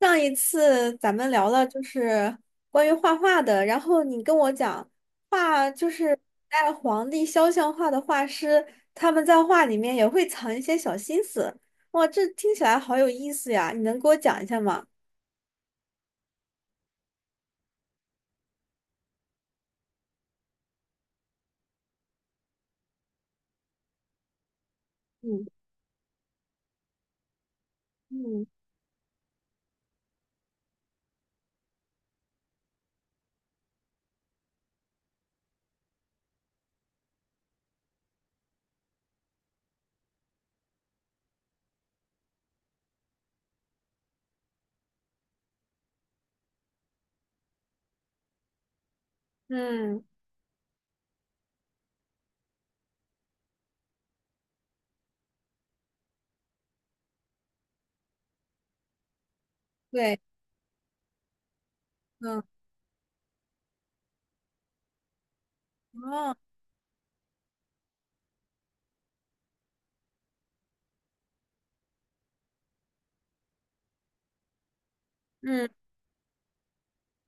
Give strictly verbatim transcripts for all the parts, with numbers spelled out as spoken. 上一次咱们聊了就是关于画画的，然后你跟我讲画就是古代皇帝肖像画的画师，他们在画里面也会藏一些小心思。哇，这听起来好有意思呀！你能给我讲一下吗？嗯嗯嗯，对，嗯，哦，嗯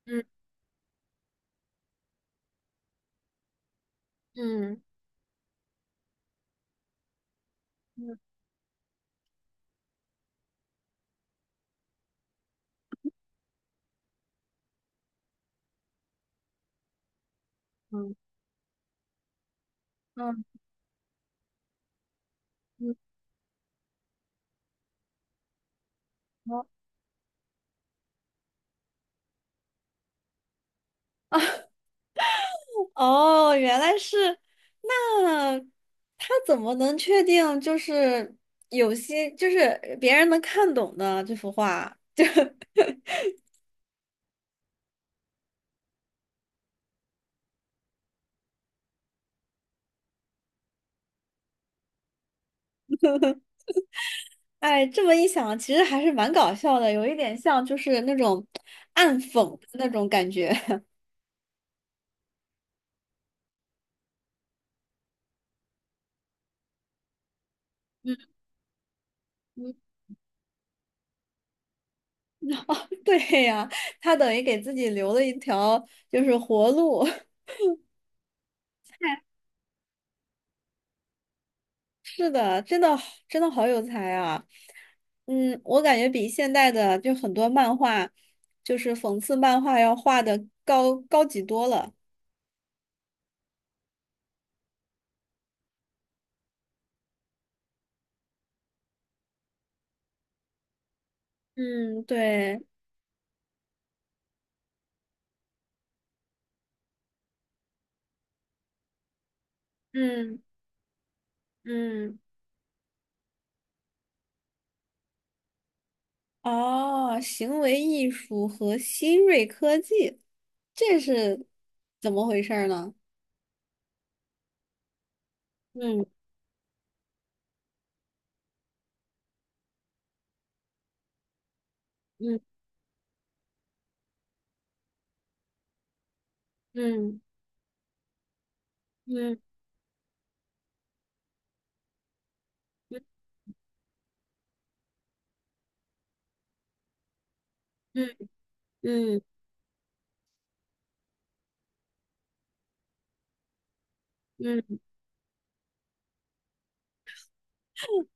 嗯嗯嗯嗯嗯嗯，哦 哦，原来是，那他怎么能确定就是有些就是别人能看懂的这幅画？哎，这么一想，其实还是蛮搞笑的，有一点像就是那种暗讽的那种感觉。嗯嗯，对呀，他等于给自己留了一条就是活路。是的，真的好真的好有才啊！嗯，我感觉比现代的就很多漫画，就是讽刺漫画要画的高高级多了。嗯，对，嗯嗯，哦，行为艺术和新锐科技，这是怎么回事儿呢？嗯嗯嗯嗯嗯嗯嗯嗯。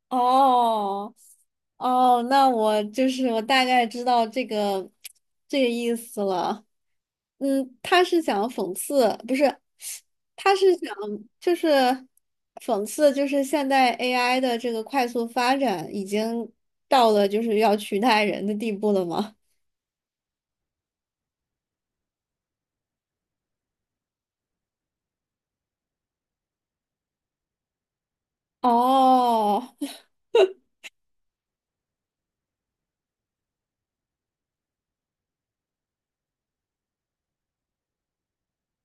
哦哦，那我就是我大概知道这个这个意思了。嗯，他是想讽刺，不是，他是想就是讽刺，就是现代 A I 的这个快速发展已经到了就是要取代人的地步了吗？哦，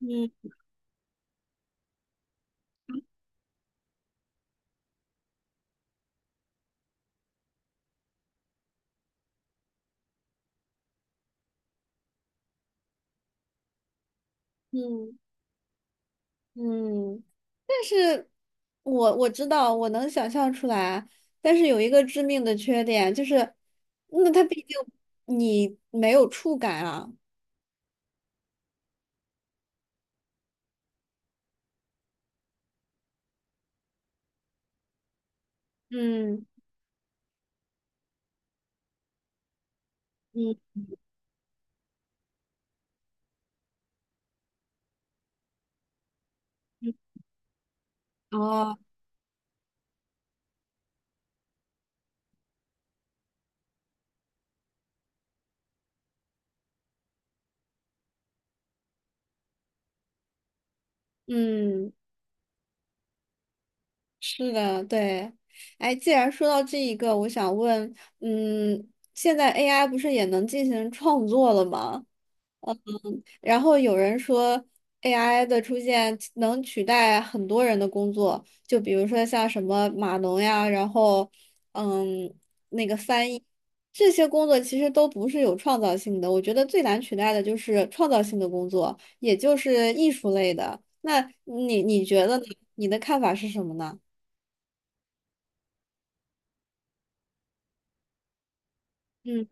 嗯嗯嗯。但是我我知道，我能想象出来，但是有一个致命的缺点，就是，那它毕竟你没有触感啊。嗯嗯嗯，哦，嗯，是的，对。哎，既然说到这一个，我想问，嗯，现在 A I 不是也能进行创作了吗？然后有人说 A I 的出现能取代很多人的工作，就比如说像什么码农呀，然后嗯，那个翻译这些工作其实都不是有创造性的。我觉得最难取代的就是创造性的工作，也就是艺术类的。那你你觉得呢？你的看法是什么呢？嗯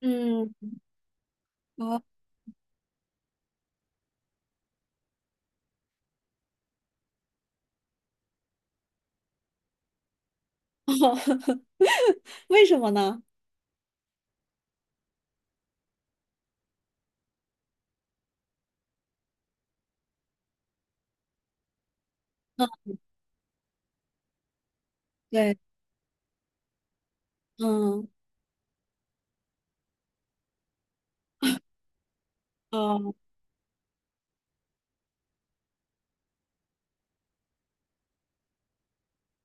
嗯，哦，为什么呢？对，嗯嗯。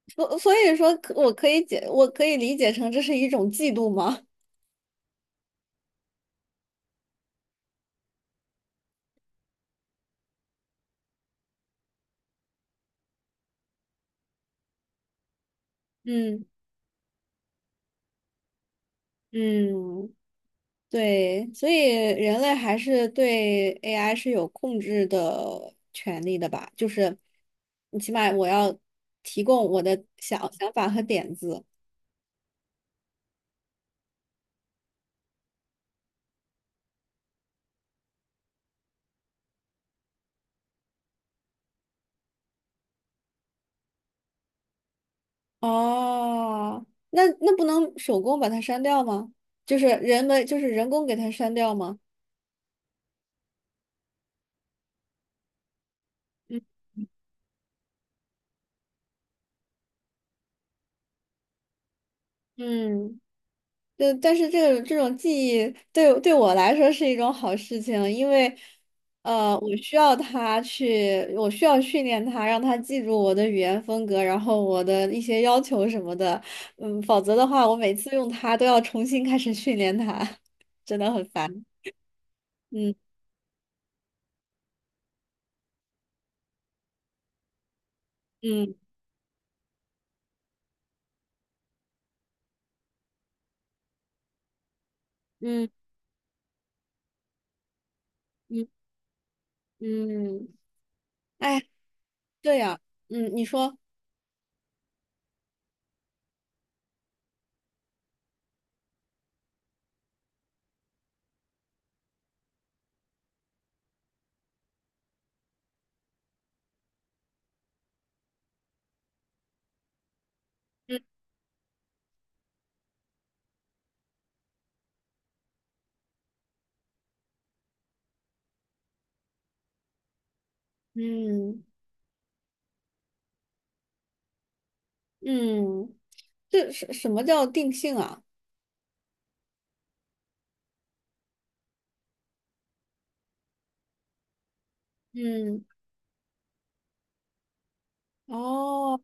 所所以说可，我可以解，我可以理解成这是一种嫉妒吗？嗯嗯，对，所以人类还是对 A I 是有控制的权利的吧？就是你起码我要提供我的想想法和点子，哦，那那不能手工把它删掉吗？就是人们就是人工给它删掉吗？嗯嗯。对，但是这种这种记忆对对我来说是一种好事情，因为，呃，我需要它去，我需要训练它，让它记住我的语言风格，然后我的一些要求什么的，嗯，否则的话，我每次用它都要重新开始训练它，真的很烦。嗯嗯嗯嗯嗯，哎，对呀，嗯，你说，嗯嗯嗯，这什什么叫定性啊？嗯，哦。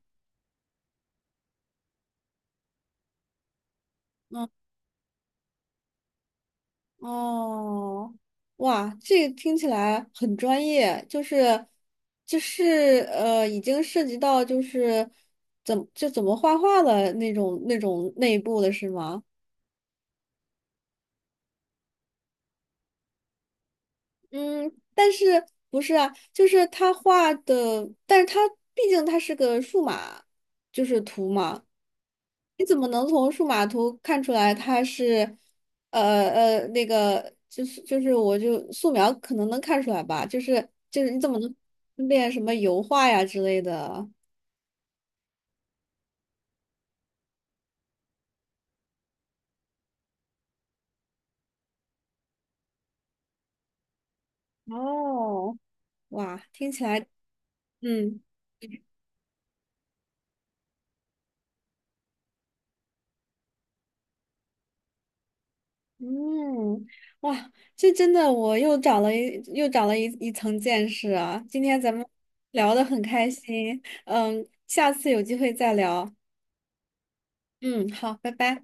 嗯。哦，哇，这个听起来很专业，就是就是呃，已经涉及到就是怎么就怎么画画的那种那种内部的是吗？嗯，但是不是啊？就是他画的，但是他毕竟他是个数码，就是图嘛。你怎么能从数码图看出来它是，呃呃，那个就是就是我就素描可能能看出来吧，就是就是你怎么能练什么油画呀之类的？哦，哇，听起来，嗯嗯，哇，这真的我又长了一又长了一一层见识啊！今天咱们聊得很开心，嗯，下次有机会再聊，嗯，好，拜拜。